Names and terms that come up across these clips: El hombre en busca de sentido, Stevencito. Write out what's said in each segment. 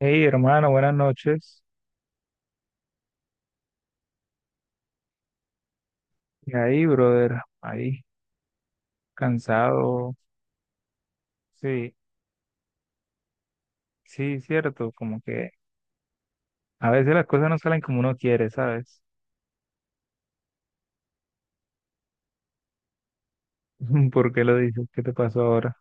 Hey, hermano, buenas noches. Y ahí, brother, ahí, cansado. Sí, sí, cierto, como que a veces las cosas no salen como uno quiere, ¿sabes? ¿Por qué lo dices? ¿Qué te pasó ahora,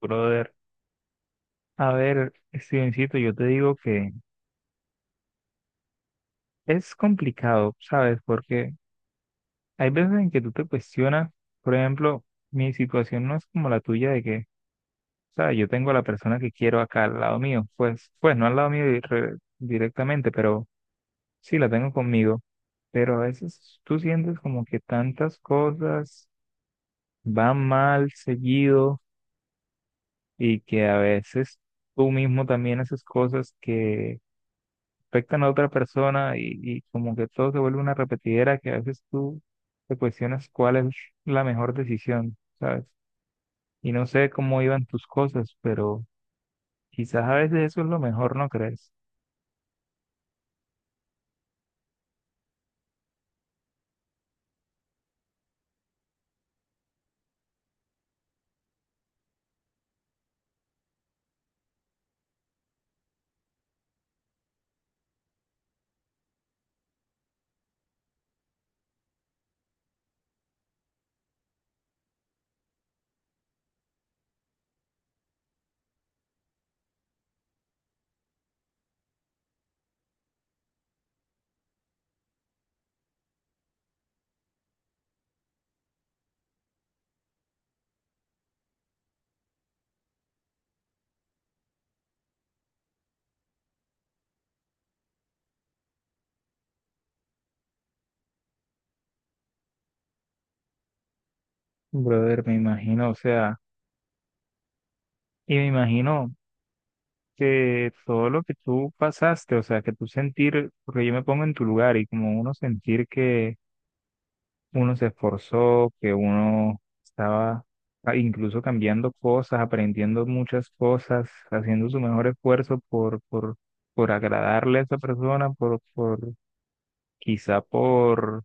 brother? A ver, Stevencito, yo te digo que es complicado, ¿sabes? Porque hay veces en que tú te cuestionas, por ejemplo, mi situación no es como la tuya de que, o sea, yo tengo a la persona que quiero acá al lado mío, pues, pues no al lado mío directamente, pero sí, la tengo conmigo, pero a veces tú sientes como que tantas cosas van mal seguido y que a veces tú mismo también haces cosas que afectan a otra persona y como que todo se vuelve una repetidera que a veces tú te cuestionas cuál es la mejor decisión, ¿sabes? Y no sé cómo iban tus cosas, pero quizás a veces eso es lo mejor, ¿no crees? Brother, me imagino, o sea, y me imagino que todo lo que tú pasaste, o sea, que tú sentir, porque yo me pongo en tu lugar y como uno sentir que uno se esforzó, que uno estaba incluso cambiando cosas, aprendiendo muchas cosas, haciendo su mejor esfuerzo por agradarle a esa persona, quizá por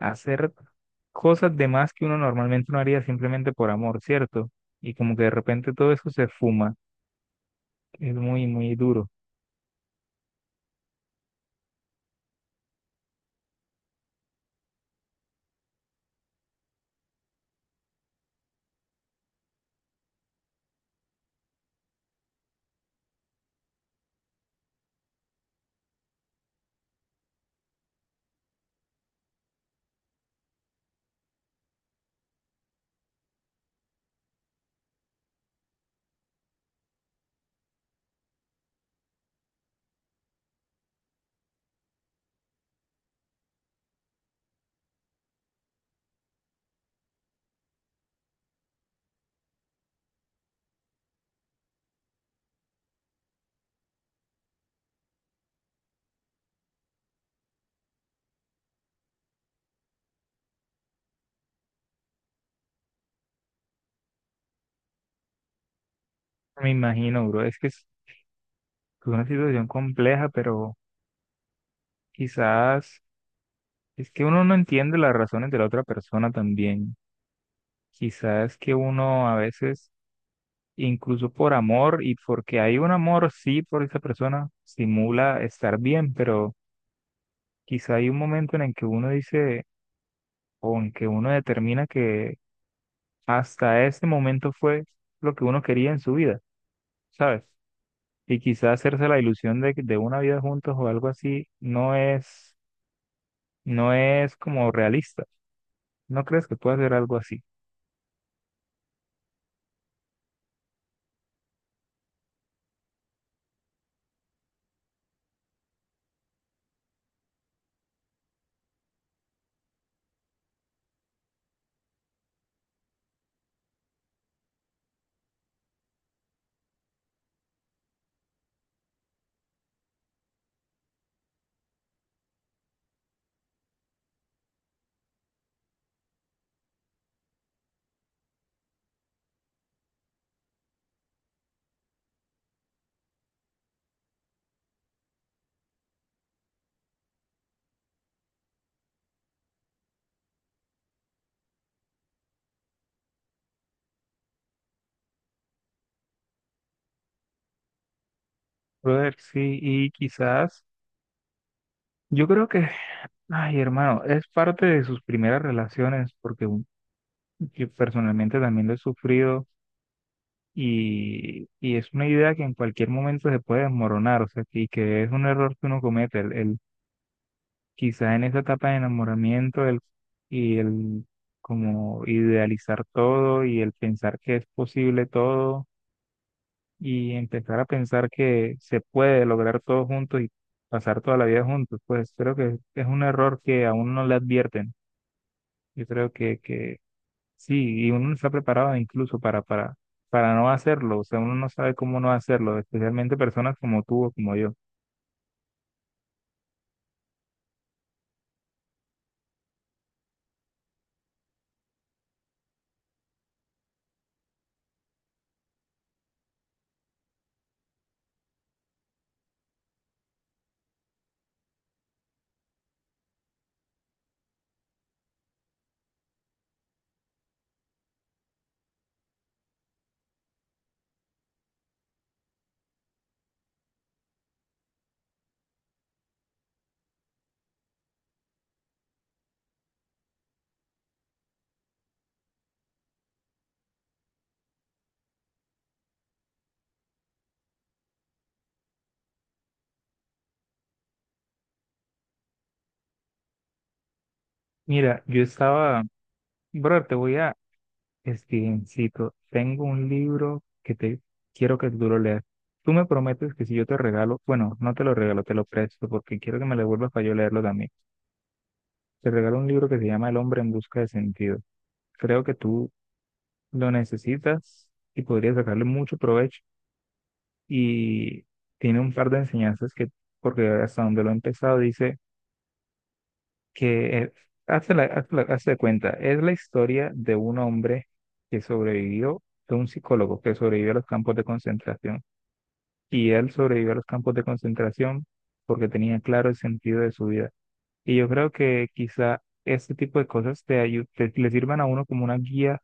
hacer cosas de más que uno normalmente no haría simplemente por amor, ¿cierto? Y como que de repente todo eso se fuma, es muy, muy duro. Me imagino, bro, es que es una situación compleja, pero quizás es que uno no entiende las razones de la otra persona también. Quizás que uno a veces, incluso por amor y porque hay un amor, sí, por esa persona, simula estar bien, pero quizá hay un momento en el que uno dice o en que uno determina que hasta ese momento fue lo que uno quería en su vida, ¿sabes? Y quizá hacerse la ilusión de una vida juntos o algo así no es, no es como realista. ¿No crees que pueda ser algo así? Brother, sí, y quizás, yo creo que, ay, hermano, es parte de sus primeras relaciones, porque yo personalmente también lo he sufrido y es una idea que en cualquier momento se puede desmoronar, o sea, y que es un error que uno comete, quizás en esa etapa de enamoramiento el, y el como idealizar todo y el pensar que es posible todo y empezar a pensar que se puede lograr todo juntos y pasar toda la vida juntos, pues creo que es un error que a uno no le advierten. Yo creo que sí, y uno no está preparado incluso para no hacerlo, o sea, uno no sabe cómo no hacerlo, especialmente personas como tú o como yo. Mira, yo estaba, bro, te voy a, Stevencito, tengo un libro que te quiero que tú lo leas. Tú me prometes que si yo te regalo, bueno, no te lo regalo, te lo presto porque quiero que me lo devuelvas para yo leerlo también. Te regalo un libro que se llama El hombre en busca de sentido. Creo que tú lo necesitas y podrías sacarle mucho provecho. Y tiene un par de enseñanzas que, porque hasta donde lo he empezado, dice que, hazte de cuenta, es la historia de un hombre que sobrevivió, de un psicólogo que sobrevivió a los campos de concentración. Y él sobrevivió a los campos de concentración porque tenía claro el sentido de su vida. Y yo creo que quizá este tipo de cosas le sirvan a uno como una guía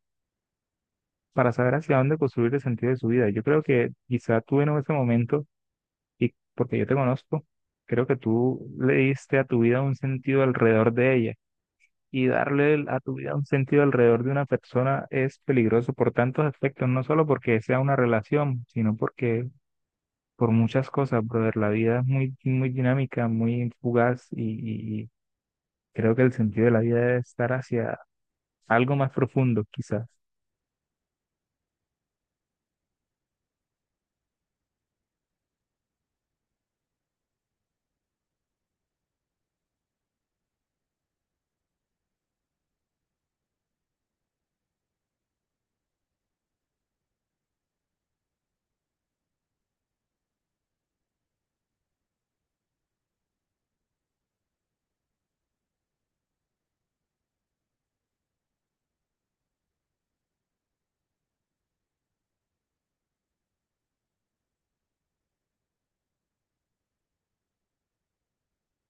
para saber hacia dónde construir el sentido de su vida. Yo creo que quizá tú en ese momento, y porque yo te conozco, creo que tú le diste a tu vida un sentido alrededor de ella. Y darle a tu vida un sentido alrededor de una persona es peligroso por tantos aspectos, no solo porque sea una relación, sino porque por muchas cosas, brother. La vida es muy, muy dinámica, muy fugaz y creo que el sentido de la vida debe estar hacia algo más profundo, quizás.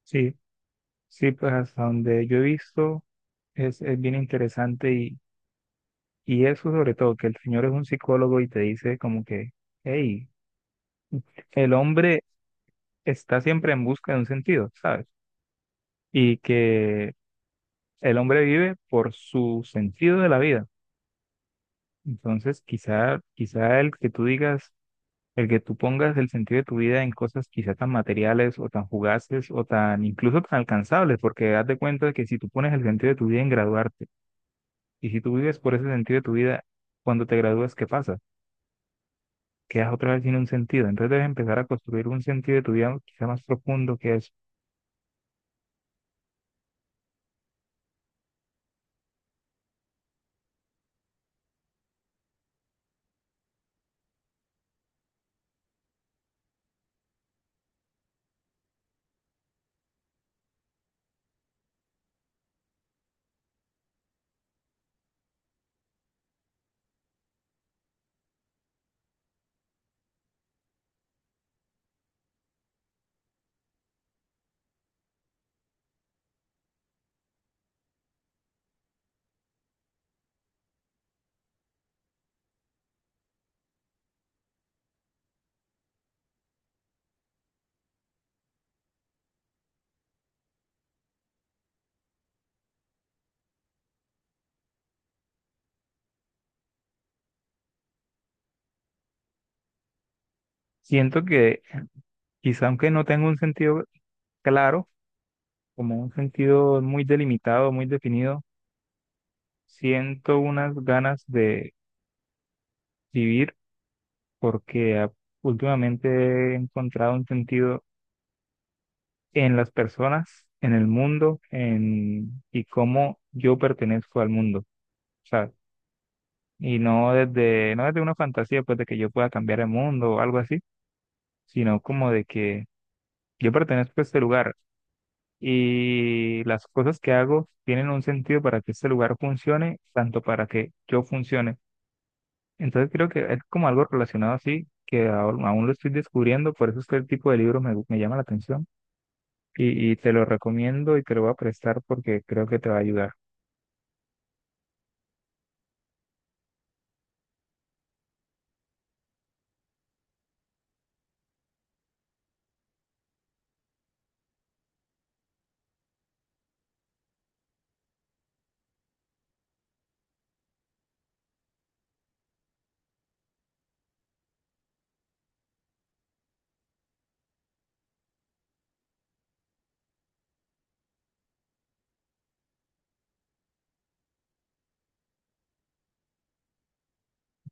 Sí, sí, pues hasta donde yo he visto es bien interesante y eso sobre todo, que el señor es un psicólogo y te dice como que, hey, el hombre está siempre en busca de un sentido, ¿sabes? Y que el hombre vive por su sentido de la vida. Entonces, quizá el que tú digas, el que tú pongas el sentido de tu vida en cosas quizá tan materiales o tan fugaces o tan incluso tan alcanzables, porque haz de cuenta de que si tú pones el sentido de tu vida en graduarte y si tú vives por ese sentido de tu vida, cuando te gradúas, ¿qué pasa? Quedas otra vez sin un sentido. Entonces debes empezar a construir un sentido de tu vida quizá más profundo que eso. Siento que quizá aunque no tenga un sentido claro, como un sentido muy delimitado, muy definido, siento unas ganas de vivir porque últimamente he encontrado un sentido en las personas, en el mundo, en y cómo yo pertenezco al mundo, ¿sabes? Y no desde una fantasía pues de que yo pueda cambiar el mundo o algo así, sino como de que yo pertenezco a este lugar y las cosas que hago tienen un sentido para que este lugar funcione, tanto para que yo funcione. Entonces creo que es como algo relacionado así, que aún lo estoy descubriendo, por eso es que el tipo de libro me llama la atención y te lo recomiendo y te lo voy a prestar porque creo que te va a ayudar.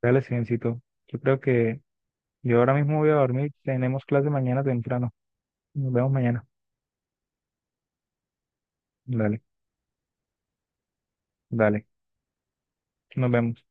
Dale, Silencito. Yo creo que yo ahora mismo voy a dormir, tenemos clase mañana temprano. Nos vemos mañana. Dale, dale, nos vemos.